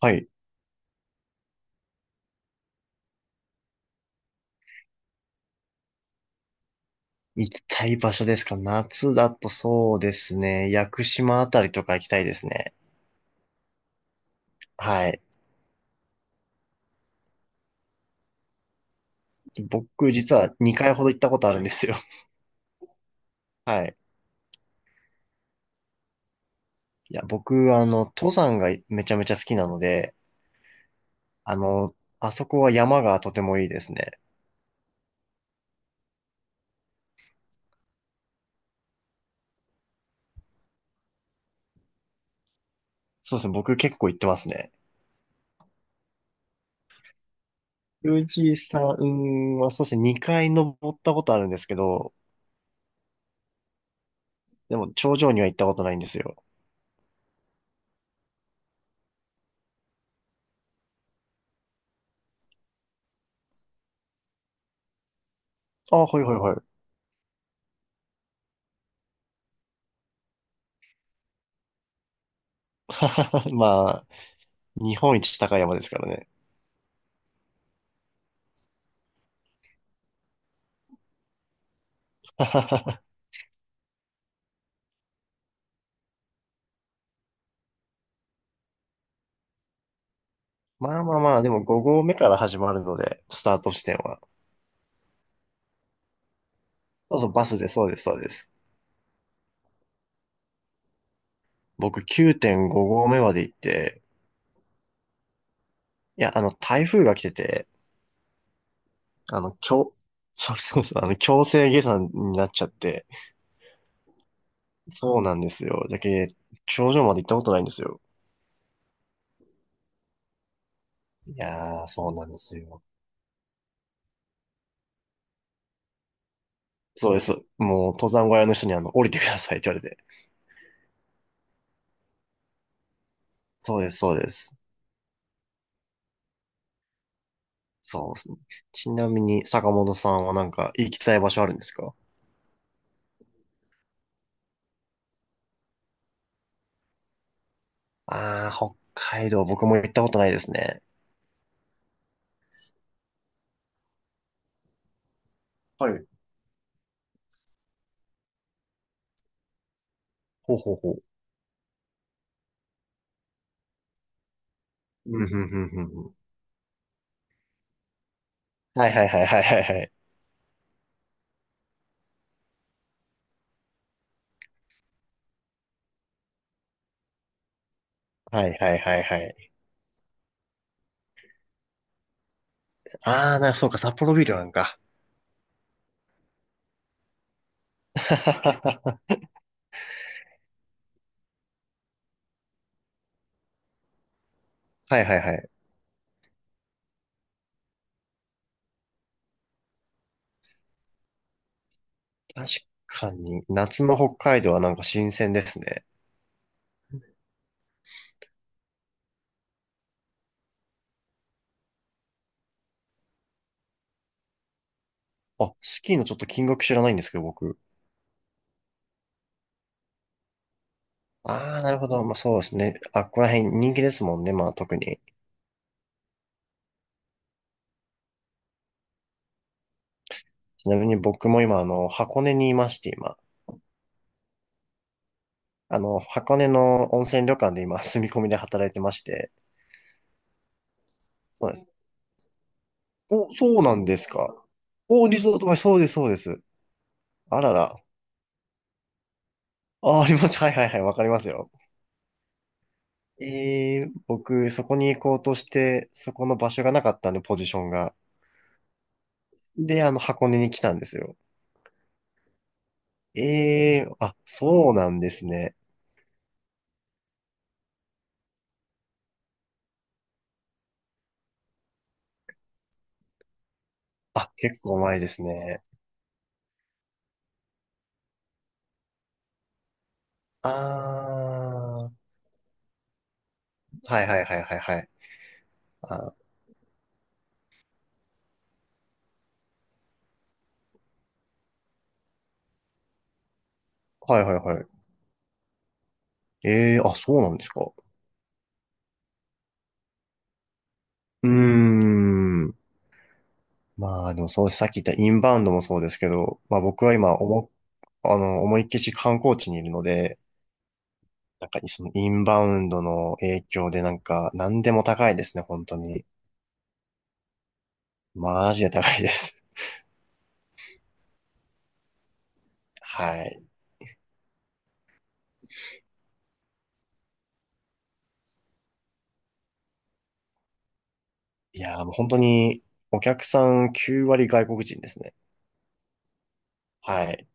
はい。行きたい場所ですか？夏だと、そうですね。屋久島あたりとか行きたいですね。はい。僕、実は2回ほど行ったことあるんですよ。はい。いや、僕、登山がめちゃめちゃ好きなので、あの、あそこは山がとてもいいですね。そうですね。僕結構行ってますね。富士山はそうですね。2回登ったことあるんですけど、でも頂上には行ったことないんですよ。あ、はいはいはい。まあ、日本一高い山ですからね。まあまあまあ、でも5合目から始まるので、スタート地点は。そうそう、バスで、そうです、そうです。僕9.5合目まで行って、いや、台風が来てて、あの、強、そうそうそう、強制下山になっちゃって、そうなんですよ。頂上まで行ったことないんですよ。いやー、そうなんですよ。そうです。もう、登山小屋の人に降りてくださいって言われて。そうです、そうです。そうですね。ちなみに、坂本さんはなんか行きたい場所あるんですか？ああ、北海道、僕も行ったことないですね。はい。ほうほうほう。うん、うん、うん、うん。ん。はいはいはいはいはいはい。はいはいはいはい。ああ、そうか、札幌ビールなんか。はいはいはい。確かに、夏の北海道はなんか新鮮ですね。あ、スキーのちょっと金額知らないんですけど、僕。ああ、なるほど。まあそうですね。あ、ここら辺人気ですもんね、まあ特に。ちなみに僕も今、箱根にいまして、今。箱根の温泉旅館で今、住み込みで働いてまして。そうです。お、そうなんですか。お、リゾートバイ、そうです、そうです。あらら。あ、あります。はいはいはい、わかりますよ。僕、そこに行こうとして、そこの場所がなかったんで、ポジションが。で、箱根に来たんですよ。あ、そうなんですね。あ、結構前ですね。あー、はいはいはいはいはい。あ、はいはいはい。あ、そうなんですか。うーん。まあ、でもそう、さっき言ったインバウンドもそうですけど、まあ僕は今、おも、あの、思いっきし観光地にいるので、なんかそのインバウンドの影響でなんか何でも高いですね、本当に。マジで高いです。はい。いやー、もう本当にお客さん9割外国人ですね。はい。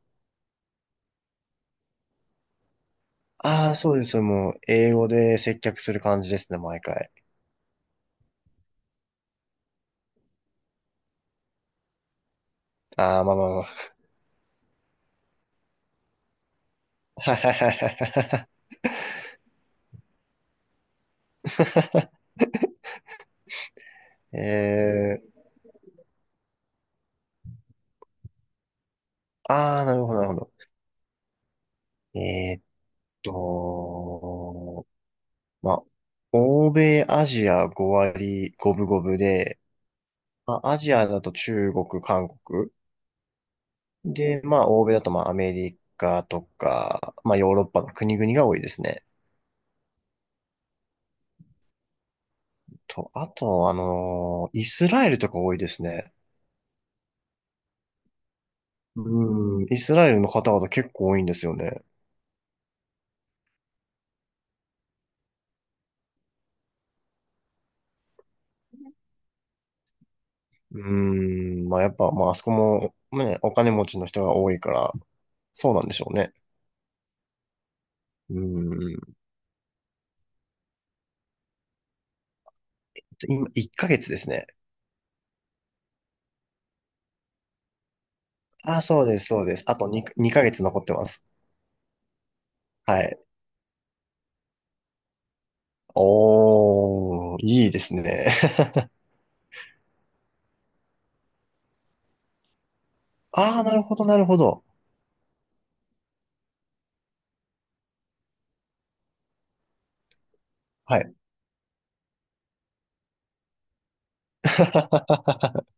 ああ、そうです。もう英語で接客する感じですね、毎回。ああ、まあまあまあ。はいはいはいはいはい。ああ、なるほど、なるほど。えーっと、まあ、欧米、アジア5割5分5分で、まあ、アジアだと中国、韓国。で、まあ、欧米だとまあ、アメリカとか、まあ、ヨーロッパの国々が多いですね。と、あと、イスラエルとか多いですね。うん、イスラエルの方々結構多いんですよね。うーん、まあ、やっぱ、まあ、あそこも、まあね、お金持ちの人が多いから、そうなんでしょうね。うーん、今、1ヶ月ですね。あ、そうです、そうです。あと2ヶ月残ってます。はい。おー、いいですね。ああ、なるほど、なるほど。はい。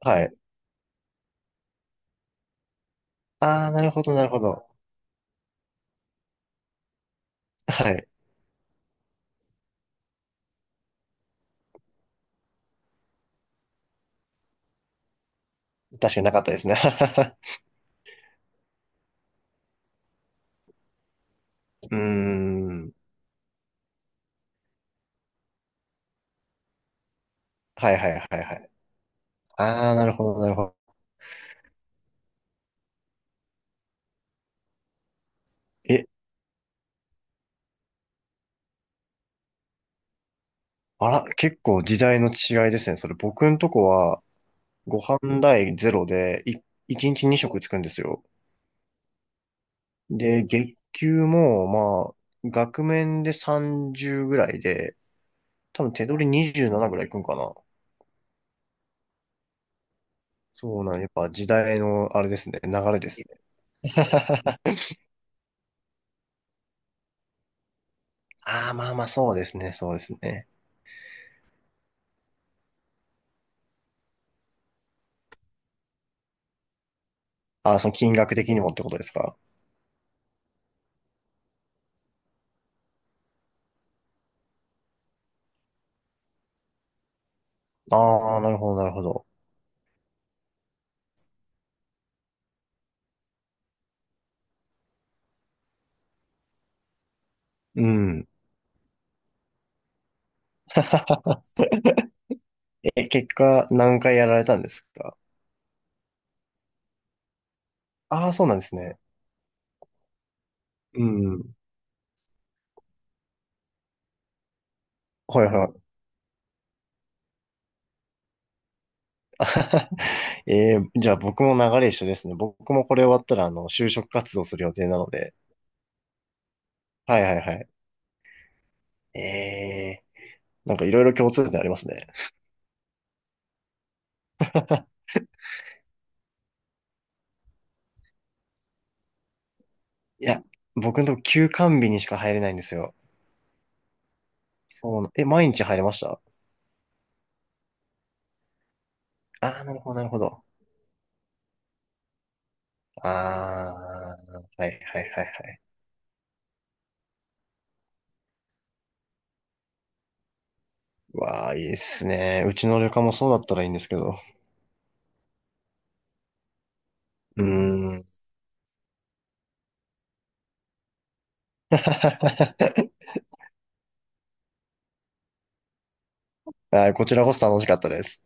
はい。ああ、なるほど、なるほど。はい。確かになかったですね。うーん。はいはいはいはい。ああ、なるほど、なるほど。え、あら、結構時代の違いですね。それ僕んとこは、ご飯代ゼロで、1日2食つくんですよ。で、月給も、まあ、額面で30ぐらいで、多分手取り27ぐらいいくんかな。やっぱ時代のあれですね、流れですね。ああ、まあまあ、そうですね、そうですね。ああ、その金額的にもってことですか？ああ、なるほど、なるほど。うん。え、結果、何回やられたんですか？ああ、そうなんですね。うん。はいはい。じゃあ僕も流れ一緒ですね。僕もこれ終わったら、就職活動する予定なので。はいはいはい。えなんかいろいろ共通点ありますね。いや、僕のとこ休館日にしか入れないんですよ。そうな、え、毎日入れました？ああ、なるほど、なるほど。ああ、はいはいはいはい。わあ、いいっすね。うちの旅館もそうだったらいいんですけど。うーん。はい、こちらこそ楽しかったです。